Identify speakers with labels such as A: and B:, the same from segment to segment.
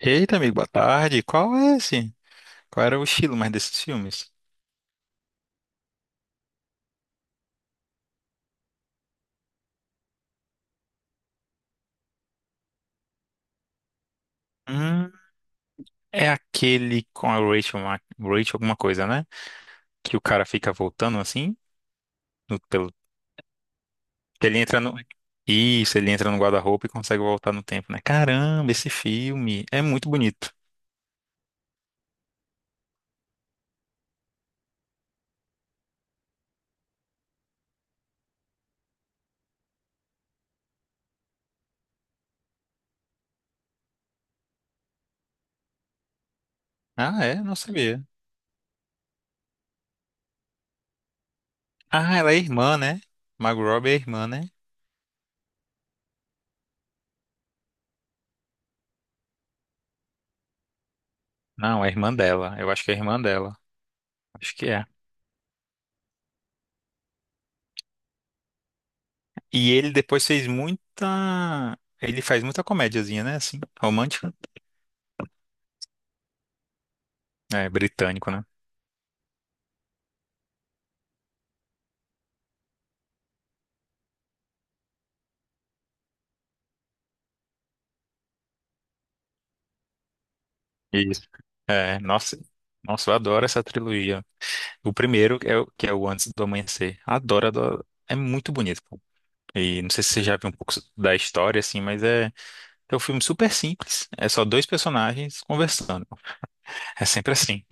A: Eita, amigo, boa tarde. Qual é esse? Qual era o estilo mais desses filmes? Hum, é aquele com a Rachel, Rachel alguma coisa, né? Que o cara fica voltando assim, no, pelo, que ele entra no. Isso, ele entra no guarda-roupa e consegue voltar no tempo, né? Caramba, esse filme é muito bonito. Ah, é? Não sabia. Ah, ela é irmã, né? Margot Robbie é irmã, né? Não, é irmã dela. Eu acho que é irmã dela. Acho que é. E ele depois fez muita... Ele faz muita comédiazinha, né? Assim, romântica. É, britânico, né? Isso. É, nossa, nossa, eu adoro essa trilogia. O primeiro é o que é o Antes do Amanhecer. Adoro, adoro. É muito bonito, pô. E não sei se você já viu um pouco da história, assim, mas é um filme super simples. É só dois personagens conversando. É sempre assim.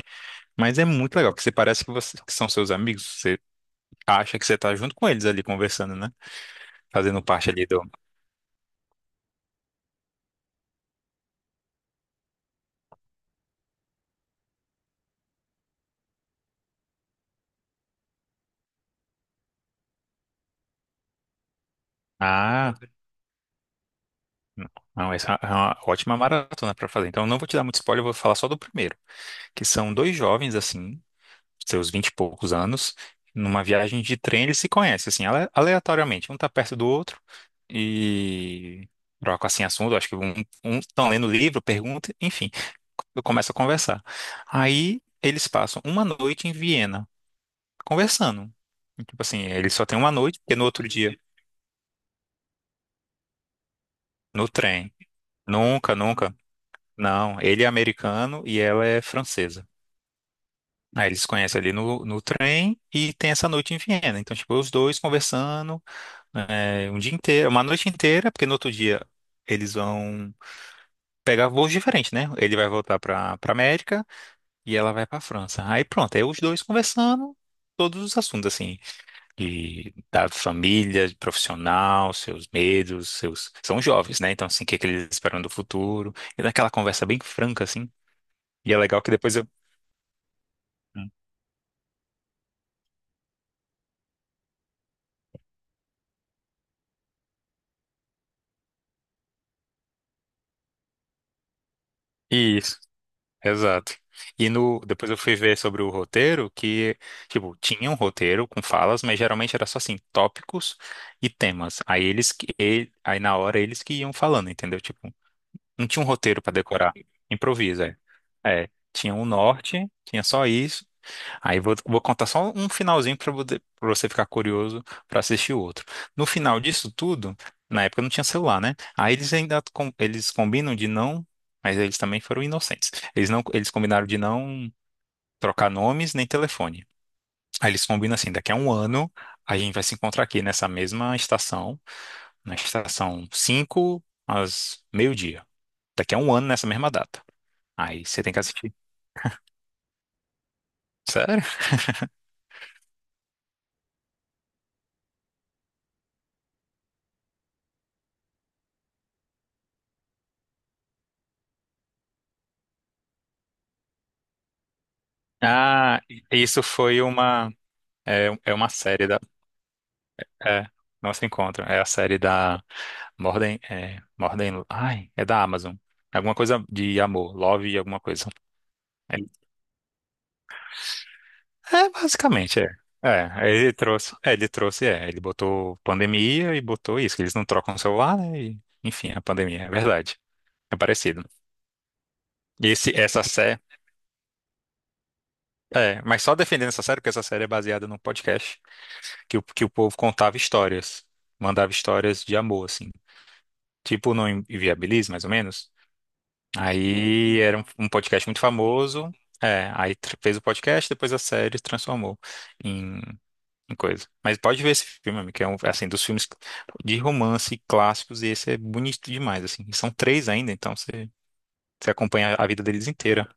A: Mas é muito legal, porque você parece que, que são seus amigos. Você acha que você tá junto com eles ali conversando, né? Fazendo parte ali do. Ah, não, essa é uma ótima maratona pra fazer. Então, eu não vou te dar muito spoiler, eu vou falar só do primeiro. Que são dois jovens, assim, seus vinte e poucos anos, numa viagem de trem, eles se conhecem, assim, aleatoriamente. Um tá perto do outro e trocam, assim, assunto. Acho que um estão lendo livro, pergunta, enfim, começa a conversar. Aí eles passam uma noite em Viena, conversando. Tipo assim, eles só têm uma noite, porque no outro dia, no trem. Nunca, nunca. Não, ele é americano e ela é francesa. Aí eles se conhecem ali no trem e tem essa noite em Viena. Então, tipo, os dois conversando né, um dia inteiro, uma noite inteira, porque no outro dia eles vão pegar voos diferentes, né? Ele vai voltar pra América e ela vai pra França. Aí pronto, aí os dois conversando todos os assuntos, assim, de, da família, de profissional, seus medos, seus. São jovens, né? Então, assim, o que, que eles esperam do futuro. E daquela conversa bem franca, assim. E é legal que depois eu. Isso. Exato. E no, depois eu fui ver sobre o roteiro que, tipo, tinha um roteiro com falas, mas geralmente era só assim, tópicos e temas. Aí eles que, aí na hora eles que iam falando, entendeu? Tipo, não tinha um roteiro pra decorar. Improvisa, é. É, tinha um norte, tinha só isso. Aí vou contar só um finalzinho para você ficar curioso para assistir o outro. No final disso tudo, na época não tinha celular, né? Aí eles ainda eles combinam de não, mas eles também foram inocentes. Eles não, eles combinaram de não trocar nomes nem telefone. Aí eles combinam assim, daqui a um ano a gente vai se encontrar aqui nessa mesma estação, na estação 5 às meio-dia. Daqui a um ano nessa mesma data. Aí você tem que assistir. Sério? Ah, isso foi uma série. É, não se encontram. É a série da Mordem, ai, é da Amazon. Alguma coisa de amor, love e alguma coisa. É, é, basicamente, é. É, aí ele botou pandemia e botou isso, que eles não trocam o celular, né? E, enfim, a pandemia, é verdade. É parecido. E essa série, mas só defendendo essa série, porque essa série é baseada num podcast que, que o povo contava histórias, mandava histórias de amor, assim. Tipo no Inviabilis, mais ou menos. Aí era um podcast muito famoso. É, aí fez o podcast, depois a série transformou em, em coisa. Mas pode ver esse filme, amigo, que é um, assim, dos filmes de romance clássicos, e esse é bonito demais, assim. E são três ainda, então você acompanha a vida deles inteira.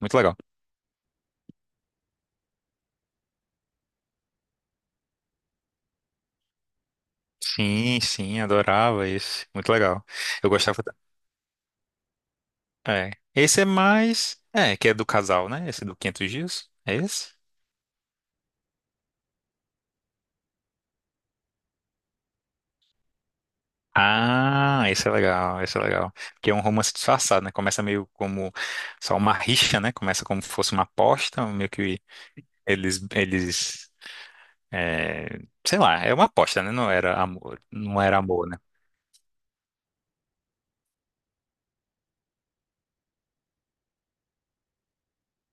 A: Muito legal. Sim, sim, adorava esse. Muito legal. Eu gostava. É. Esse é mais. É, que é do casal, né? Esse do 500 Dias. É esse? Ah, esse é legal, esse é legal. Porque é um romance disfarçado, né? Começa meio como só uma rixa, né? Começa como se fosse uma aposta, meio que eles, é, sei lá, é uma aposta, né? Não era amor, não era amor, né?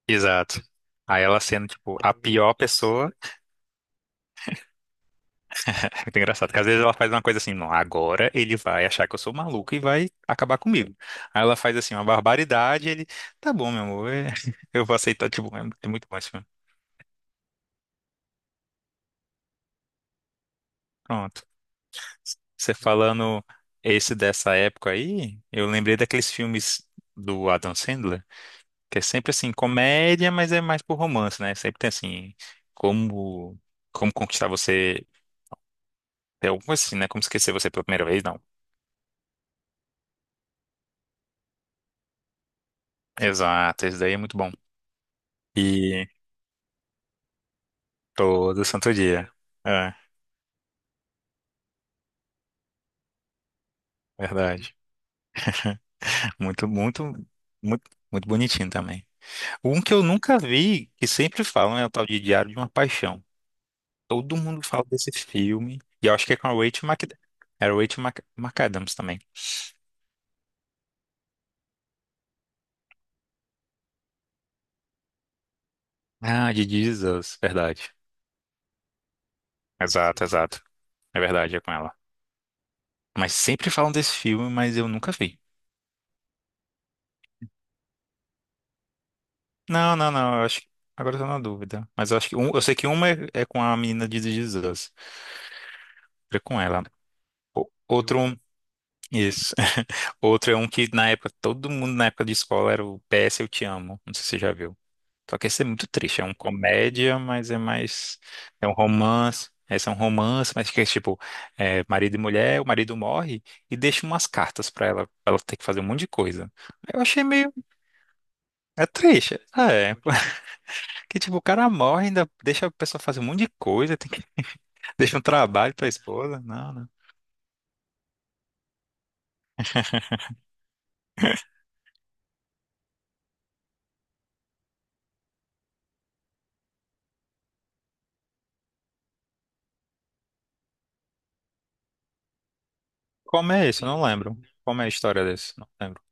A: Exato. Aí ela sendo, tipo, a pior pessoa. É muito engraçado, porque às vezes ela faz uma coisa assim, não, agora ele vai achar que eu sou maluco e vai acabar comigo. Aí ela faz assim, uma barbaridade, ele, tá bom, meu amor, eu vou aceitar, tipo, é muito bom esse filme. Pronto. Você falando esse dessa época aí, eu lembrei daqueles filmes do Adam Sandler, que é sempre assim, comédia, mas é mais por romance, né? Sempre tem assim, como como conquistar você, é alguma coisa assim, né? Como esquecer você pela primeira vez, não. Exato, esse daí é muito bom. E todo santo dia. É, verdade. Muito, muito, muito, muito bonitinho também. Um que eu nunca vi, que sempre falam, é o tal de Diário de uma Paixão. Todo mundo fala desse filme. E eu acho que é com a Rachel Mc. Era Rachel McAdams também. Ah, de Jesus, verdade. Exato, exato. É verdade, é com ela. Mas sempre falam desse filme, mas eu nunca vi. Não, não, não, eu acho que. Agora eu tô na dúvida. Mas eu acho que. Um. Eu sei que uma é com a menina de Jesus. É com ela. Outro. Isso. Outro é um. Todo mundo na época de escola era o PS Eu Te Amo. Não sei se você já viu. Só que esse é muito triste. É uma comédia, mas é mais. É um romance. Esse é um romance, mas que é tipo, marido e mulher, o marido morre e deixa umas cartas pra ela, ter que fazer um monte de coisa. Eu achei meio. É triste. É. Que tipo, o cara morre, ainda deixa a pessoa fazer um monte de coisa, tem que. Deixa um trabalho pra esposa. Não, não. Como é isso? Eu não lembro. Como é a história desse? Não lembro.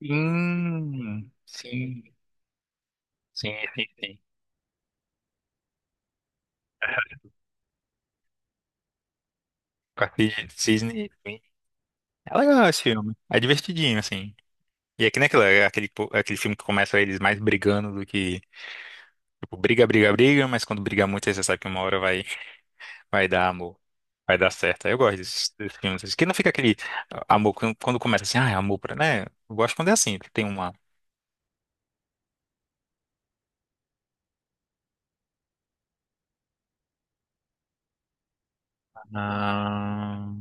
A: Sim, sim, sim, sim. Com a Cisne. Cisne. É legal esse filme. É divertidinho, assim. E é que nem aquilo, é aquele filme que começa eles mais brigando do que. Tipo, briga, briga, briga, mas quando briga muito, aí você sabe que uma hora vai dar amor. Vai dar certo. Eu gosto desses filmes. Assim, que não fica aquele ah, amor quando começa assim, ah, é amor pra, né? Eu gosto quando é assim, que tem uma. Ah,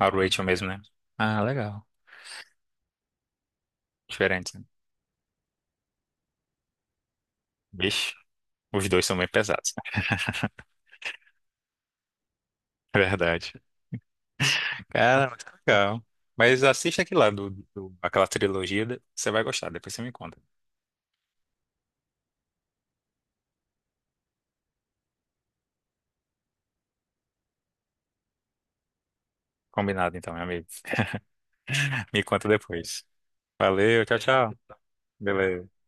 A: a Rachel mesmo, né? Ah, legal. Diferente, né? Vixe, os dois são bem pesados. Verdade. Cara, muito legal. Mas assiste aqui lá aquela trilogia, você vai gostar, depois você me conta. Combinado então, meu amigo. Me conta depois. Valeu, tchau, tchau. Beleza.